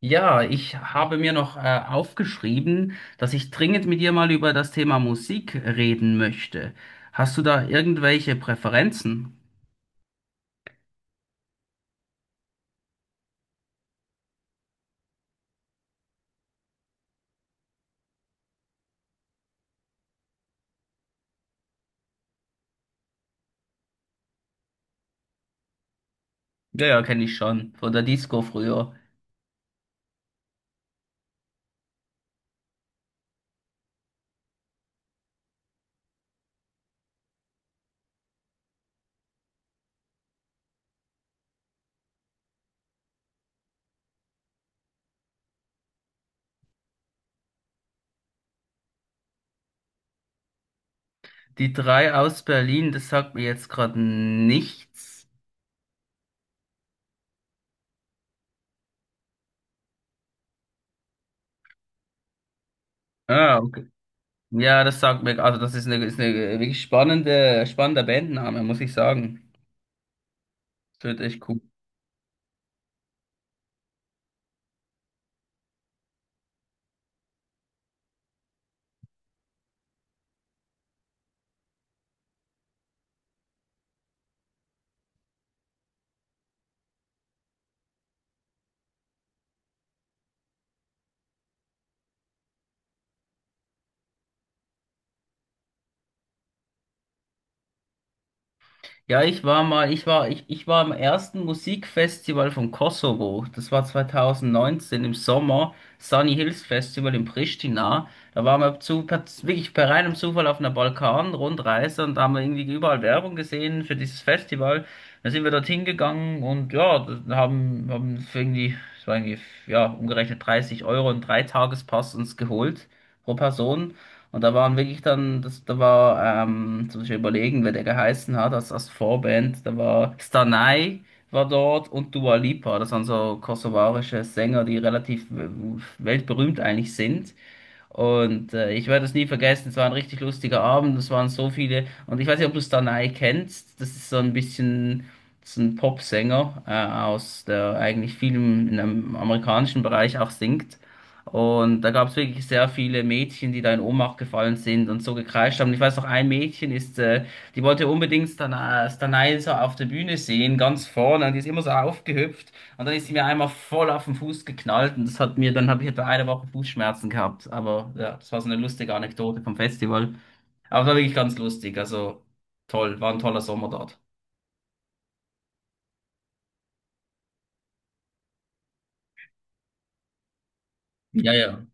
Ja, ich habe mir noch aufgeschrieben, dass ich dringend mit dir mal über das Thema Musik reden möchte. Hast du da irgendwelche Präferenzen? Ja, ja, kenne ich schon, von der Disco früher. Die drei aus Berlin, das sagt mir jetzt gerade nichts. Ah, okay. Ja, das sagt mir, also das ist eine wirklich spannender Bandname, muss ich sagen. Das wird echt cool. Ja, ich war mal, ich war, ich war am ersten Musikfestival vom Kosovo. Das war 2019 im Sommer, Sunny Hills Festival in Pristina. Da waren wir wirklich per reinem Zufall auf einer Balkan-Rundreise und da haben wir irgendwie überall Werbung gesehen für dieses Festival. Dann sind wir dorthin gegangen und ja, da haben für irgendwie, ja, umgerechnet 30€ und Dreitagespass uns geholt pro Person. Und da waren wirklich dann, das, da war, jetzt muss überlegen, wer der geheißen hat, als Vorband, da war Stanai war dort und Dua Lipa, das waren so kosovarische Sänger, die relativ weltberühmt eigentlich sind. Und ich werde es nie vergessen, es war ein richtig lustiger Abend, es waren so viele. Und ich weiß nicht, ob du Stanai kennst, das ist so ein bisschen so ein Popsänger aus, der eigentlich viel in einem amerikanischen Bereich auch singt. Und da gab es wirklich sehr viele Mädchen, die da in Ohnmacht gefallen sind und so gekreischt haben. Ich weiß noch, ein Mädchen ist, die wollte unbedingt Stanai so auf der Bühne sehen, ganz vorne, und die ist immer so aufgehüpft. Und dann ist sie mir einmal voll auf den Fuß geknallt und dann habe ich etwa eine Woche Fußschmerzen gehabt. Aber ja, das war so eine lustige Anekdote vom Festival. Aber war wirklich ganz lustig. Also toll, war ein toller Sommer dort. Ja, ja.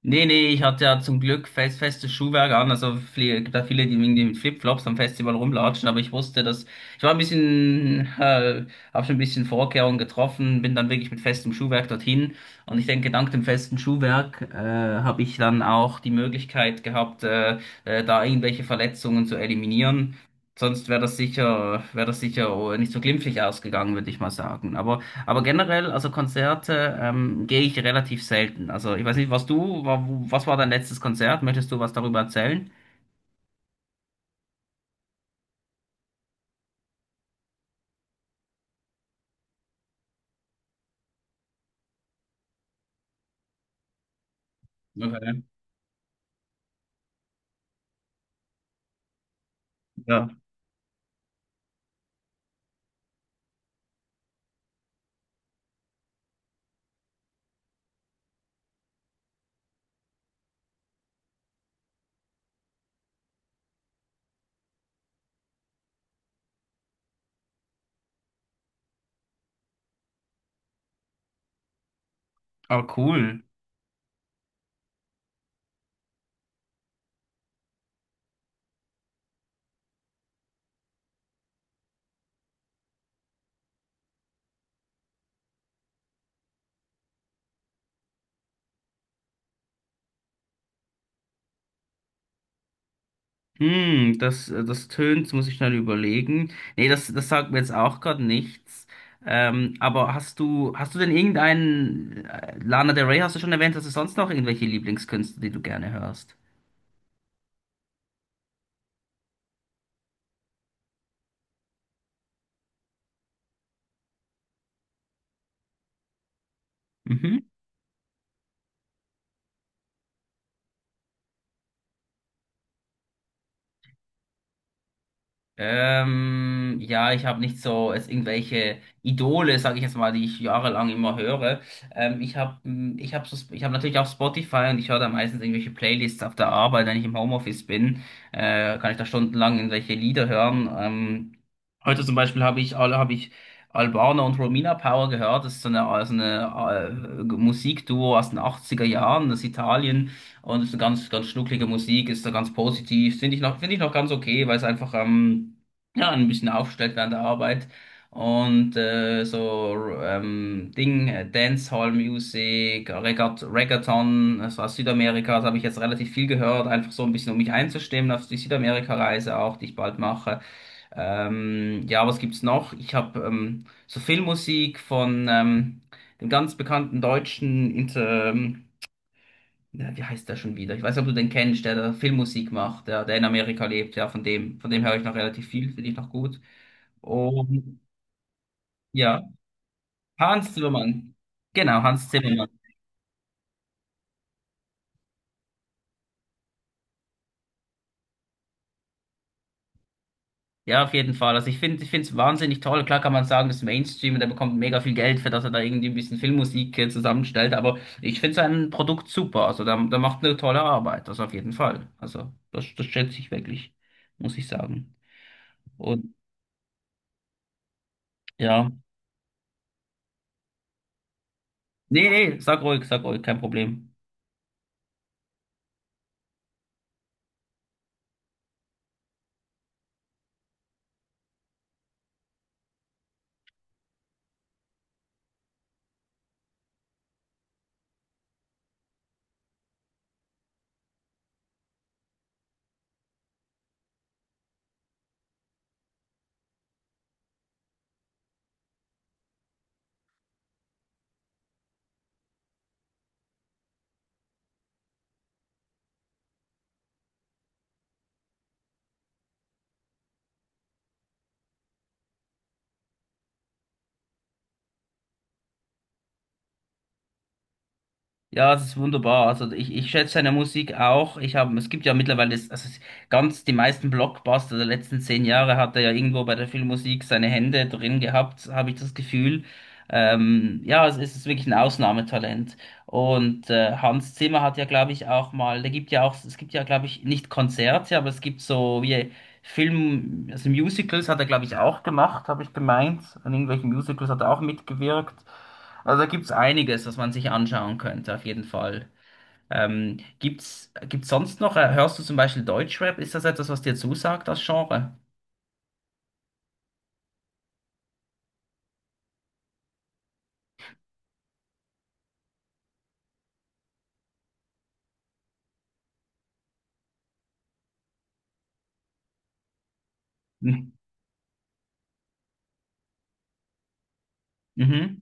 Nee, nee, ich hatte ja zum Glück festes Schuhwerk an. Also gibt da viele, die irgendwie mit Flipflops am Festival rumlatschen, aber ich wusste, dass ich war ein bisschen, habe schon ein bisschen Vorkehrungen getroffen, bin dann wirklich mit festem Schuhwerk dorthin. Und ich denke, dank dem festen Schuhwerk habe ich dann auch die Möglichkeit gehabt, da irgendwelche Verletzungen zu eliminieren. Sonst wäre wäre das sicher nicht so glimpflich ausgegangen, würde ich mal sagen. Aber generell, also Konzerte gehe ich relativ selten. Also ich weiß nicht, was war dein letztes Konzert? Möchtest du was darüber erzählen? Okay. Ja. Ah, cool. Hm, das tönt, muss ich schnell überlegen. Nee, das sagt mir jetzt auch gerade nichts. Aber hast du denn irgendeinen, Lana Del Rey hast du schon erwähnt, hast du sonst noch irgendwelche Lieblingskünstler, die du gerne hörst? Mhm. Ja, ich habe nicht so es irgendwelche Idole, sage ich jetzt mal, die ich jahrelang immer höre. Ähm, ich habe ich hab natürlich auch Spotify und ich höre da meistens irgendwelche Playlists auf der Arbeit, wenn ich im Homeoffice bin, kann ich da stundenlang irgendwelche Lieder hören. Heute zum Beispiel hab ich Albaner und Romina Power gehört. Das ist so eine Musikduo aus den 80er Jahren aus Italien. Und es ist eine ganz schnucklige Musik, ist da ganz positiv. Finde ich noch ganz okay, weil es einfach ja, ein bisschen aufstellt während der Arbeit. Und Dancehall-Musik, Reggaeton, das war Südamerika, das habe ich jetzt relativ viel gehört, einfach so ein bisschen, um mich einzustimmen auf die Südamerika-Reise auch, die ich bald mache. Ja, was gibt's noch? Ich habe so Filmmusik von dem ganz bekannten deutschen Inter na, wie heißt der schon wieder? Ich weiß nicht, ob du den kennst, der da Filmmusik macht, der in Amerika lebt, ja, von dem höre ich noch relativ viel, finde ich noch gut. Und ja, Hans Zimmermann. Genau, Hans Zimmermann. Ja, auf jeden Fall. Also ich finde es wahnsinnig toll. Klar kann man sagen, das ist Mainstream und er bekommt mega viel Geld für, dass er da irgendwie ein bisschen Filmmusik zusammenstellt, aber ich finde sein Produkt super. Also da macht eine tolle Arbeit, das auf jeden Fall. Also das schätze ich wirklich, muss ich sagen. Und ja. Nee, nee, sag ruhig, kein Problem. Ja, das ist wunderbar. Also ich schätze seine Musik auch. Ich habe, es gibt ja mittlerweile, ganz die meisten Blockbuster der letzten 10 Jahre hat er ja irgendwo bei der Filmmusik seine Hände drin gehabt, habe ich das Gefühl. Ja, es ist wirklich ein Ausnahmetalent. Und Hans Zimmer hat ja, glaube ich, auch mal, da gibt ja auch, es gibt ja, glaube ich, nicht Konzerte, aber es gibt so wie Film, also Musicals hat er, glaube ich, auch gemacht, habe ich gemeint. An irgendwelchen Musicals hat er auch mitgewirkt. Also da gibt's einiges, was man sich anschauen könnte, auf jeden Fall. Gibt's sonst noch, hörst du zum Beispiel Deutschrap? Ist das etwas, was dir zusagt, das Genre? Mhm. Mhm.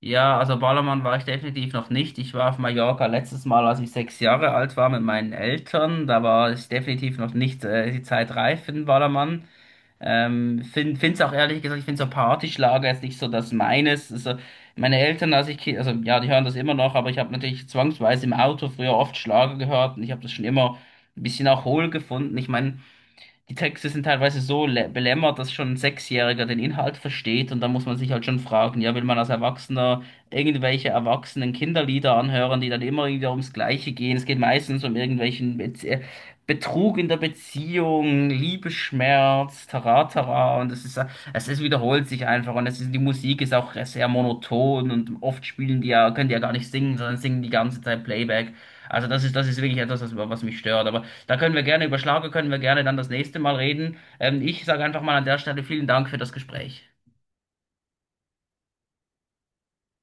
Ja, also Ballermann war ich definitiv noch nicht. Ich war auf Mallorca letztes Mal, als ich 6 Jahre alt war, mit meinen Eltern. Da war ich definitiv noch nicht, die Zeit reif für den Ballermann. Find's auch ehrlich gesagt, ich finde so Partyschlager jetzt nicht so das meines. Also meine Eltern, als ich, Ki- also ja, die hören das immer noch, aber ich habe natürlich zwangsweise im Auto früher oft Schlager gehört und ich habe das schon immer ein bisschen auch hohl gefunden. Ich meine, die Texte sind teilweise so belämmert, dass schon ein Sechsjähriger den Inhalt versteht und da muss man sich halt schon fragen, ja, will man als Erwachsener irgendwelche erwachsenen Kinderlieder anhören, die dann immer wieder ums Gleiche gehen? Es geht meistens um irgendwelchen Bez Betrug in der Beziehung, Liebesschmerz, Taratara und es ist wiederholt sich einfach und es ist, die Musik ist auch sehr monoton und oft spielen die ja, können die ja gar nicht singen, sondern singen die ganze Zeit Playback. Also das ist wirklich etwas, was mich stört. Aber da können wir gerne über Schlager, können wir gerne dann das nächste Mal reden. Ich sage einfach mal an der Stelle vielen Dank für das Gespräch.